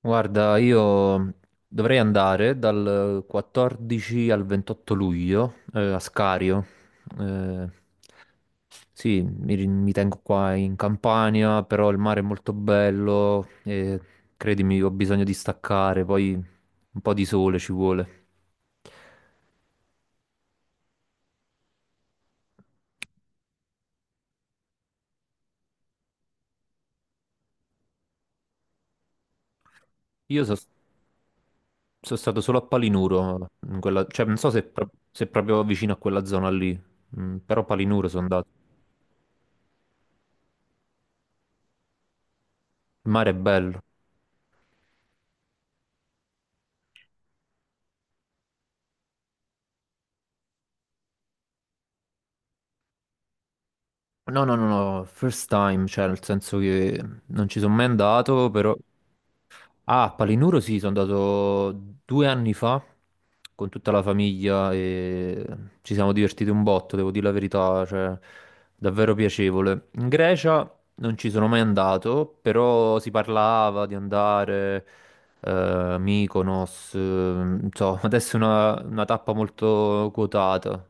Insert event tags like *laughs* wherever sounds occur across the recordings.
Guarda, io dovrei andare dal 14 al 28 luglio a Scario. Eh, sì, mi tengo qua in Campania, però il mare è molto bello e credimi, ho bisogno di staccare, poi un po' di sole ci vuole. Io sono stato solo a Palinuro, cioè non so se proprio vicino a quella zona lì, però a Palinuro sono andato. Il mare è bello. No, no, no, no, first time, cioè nel senso che non ci sono mai andato, però. Ah, a Palinuro sì, sono andato 2 anni fa con tutta la famiglia e ci siamo divertiti un botto, devo dire la verità, cioè davvero piacevole. In Grecia non ci sono mai andato, però si parlava di andare, Mykonos, non so, *laughs* adesso è una tappa molto quotata,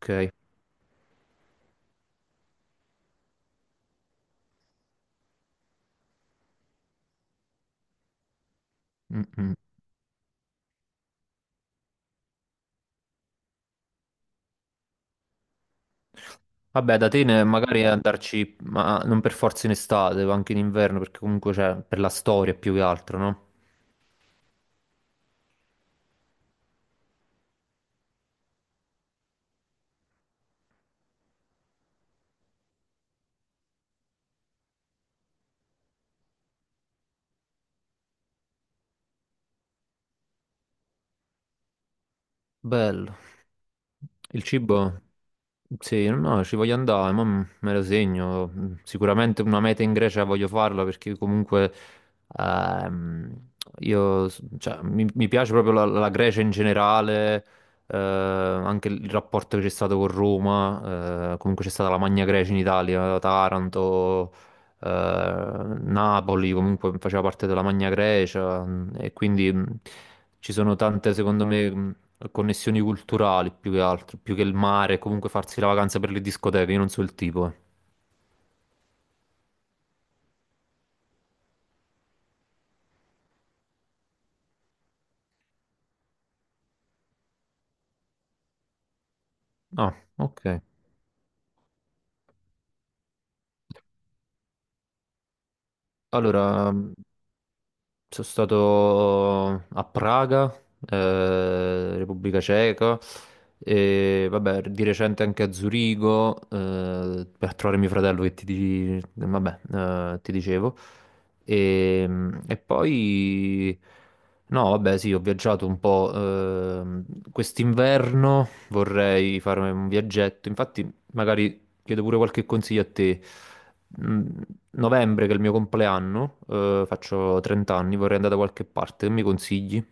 ok? Mm, mm. Vabbè, da Atene magari andarci, ma non per forza in estate, ma anche in inverno, perché comunque c'è per la storia più che altro, no? Bello. Il cibo? Sì, no, no, ci voglio andare, ma me lo segno. Sicuramente una meta in Grecia voglio farla perché comunque ehm, cioè, mi piace proprio la Grecia in generale, anche il rapporto che c'è stato con Roma, comunque c'è stata la Magna Grecia in Italia, Taranto, eh, Napoli comunque faceva parte della Magna Grecia, e quindi. Ci sono tante, secondo me, connessioni culturali più che altro, più che il mare, comunque farsi la vacanza per le discoteche, io non so il tipo. Eh. Ah, ok. Allora, sono stato a Praga, Repubblica Ceca, e vabbè, di recente anche a Zurigo, per trovare mio fratello vabbè, ti dicevo. E, e poi, no, vabbè, sì, ho viaggiato un po'. Quest'inverno vorrei farmi un viaggetto, infatti magari chiedo pure qualche consiglio a te. Mm, Novembre, che è il mio compleanno, faccio 30 anni, vorrei andare da qualche parte, che mi consigli?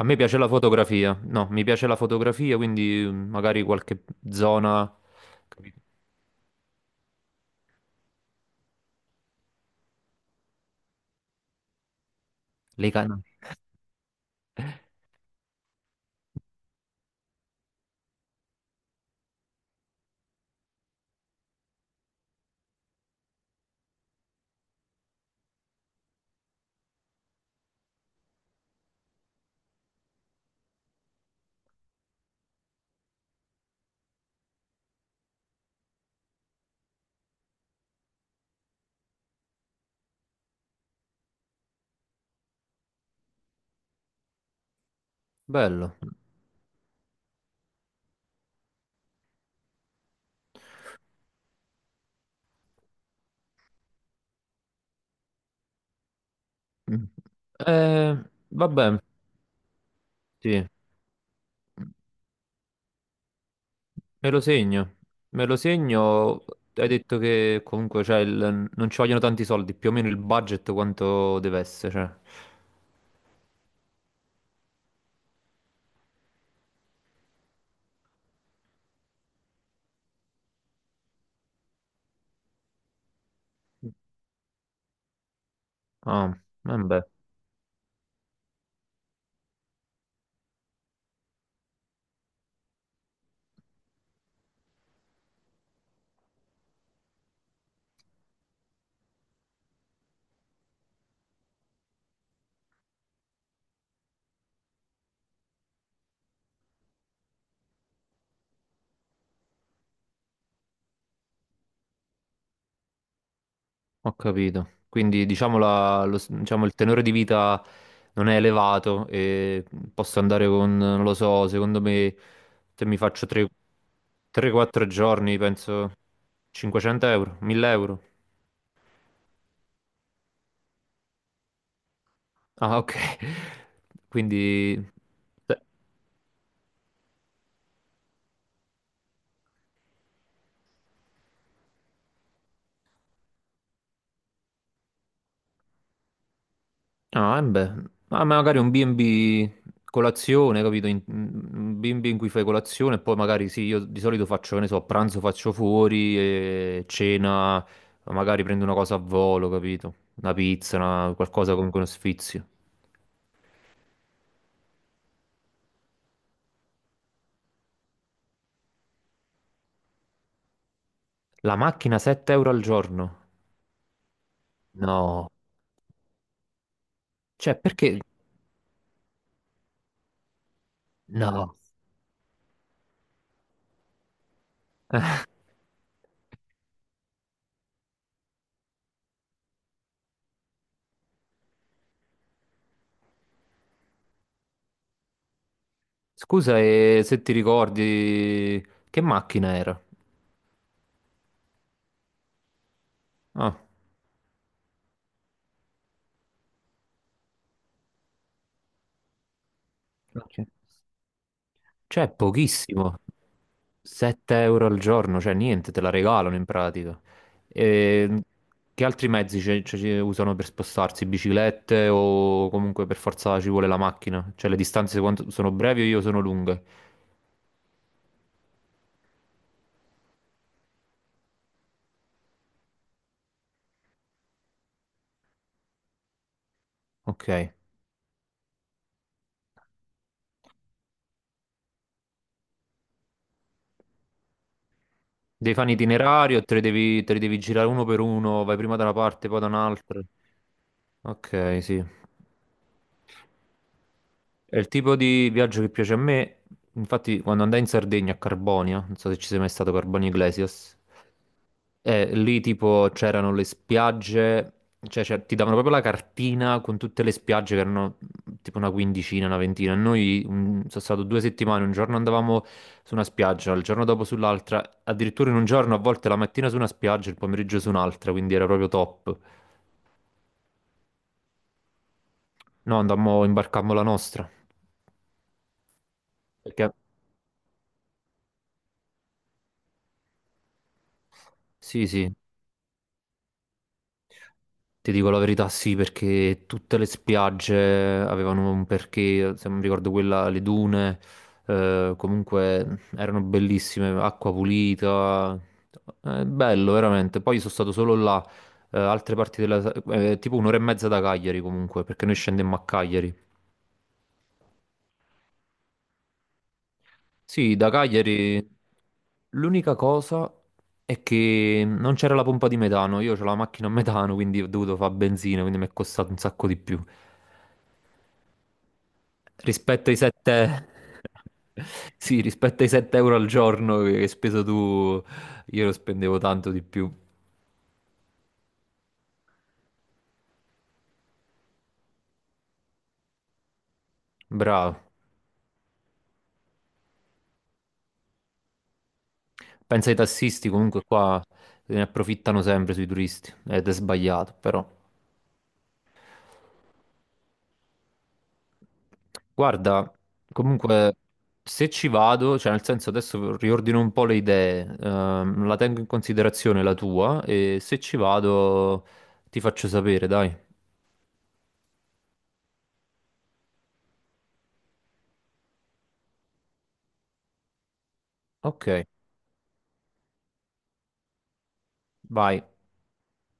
A me piace la fotografia, no, mi piace la fotografia, quindi magari qualche zona. Capito. Le canne. Bello. Mm. Eh, vabbè, sì, me lo segno, me lo segno. Hai detto che comunque cioè, non ci vogliono tanti soldi, più o meno il budget quanto deve essere. Cioè. Ah, vabbè. Ho capito. Quindi diciamo, il tenore di vita non è elevato e posso andare con, non lo so, secondo me se mi faccio 3-4 giorni, penso 500 euro, 1.000 euro. Ah, ok. *laughs* Quindi. Ah, eh beh, ma magari un B&B colazione, capito? Un B&B in cui fai colazione e poi magari sì, io di solito faccio, che ne so, a pranzo faccio fuori e cena, magari prendo una cosa a volo, capito? Una pizza, qualcosa comunque uno sfizio. La macchina 7 euro al giorno? No. Cioè, perché? No. Scusa, e se ti ricordi che macchina era? Ah, ok. Cioè, pochissimo. 7 euro al giorno, cioè niente, te la regalano in pratica. E che altri mezzi ci usano per spostarsi? Biciclette o comunque per forza ci vuole la macchina? Cioè le distanze sono brevi o io sono lunghe? Ok. Devi fare un itinerario, te li devi girare uno per uno, vai prima da una parte, poi da un'altra. Ok, sì. È il tipo di viaggio che piace a me. Infatti, quando andai in Sardegna a Carbonia, non so se ci sei mai stato, Carbonia Iglesias. Lì tipo c'erano le spiagge, cioè, ti davano proprio la cartina con tutte le spiagge che erano tipo una quindicina, una ventina. Noi, sono stato 2 settimane, un giorno andavamo su una spiaggia, il giorno dopo sull'altra, addirittura in un giorno a volte la mattina su una spiaggia, il pomeriggio su un'altra, quindi era proprio top. No, andammo, imbarcammo la nostra. Perché. Sì, sì, ti dico la verità, sì, perché tutte le spiagge avevano un perché, se non ricordo quella, le dune, comunque erano bellissime, acqua pulita, bello veramente. Poi sono stato solo là, altre parti della, tipo un'ora e mezza da Cagliari comunque, perché noi scendemmo a Cagliari. Sì, da Cagliari l'unica cosa è che non c'era la pompa di metano, io ho la macchina a metano, quindi ho dovuto fare benzina, quindi mi è costato un sacco di più. Rispetto ai 7. *laughs* Sì, rispetto ai 7 euro al giorno che hai speso tu, io lo spendevo tanto di più. Bravo. Pensa ai tassisti, comunque qua se ne approfittano sempre sui turisti, ed è sbagliato, però. Guarda, comunque se ci vado, cioè nel senso adesso riordino un po' le idee, la tengo in considerazione la tua e se ci vado ti faccio sapere, dai. Ok, vai.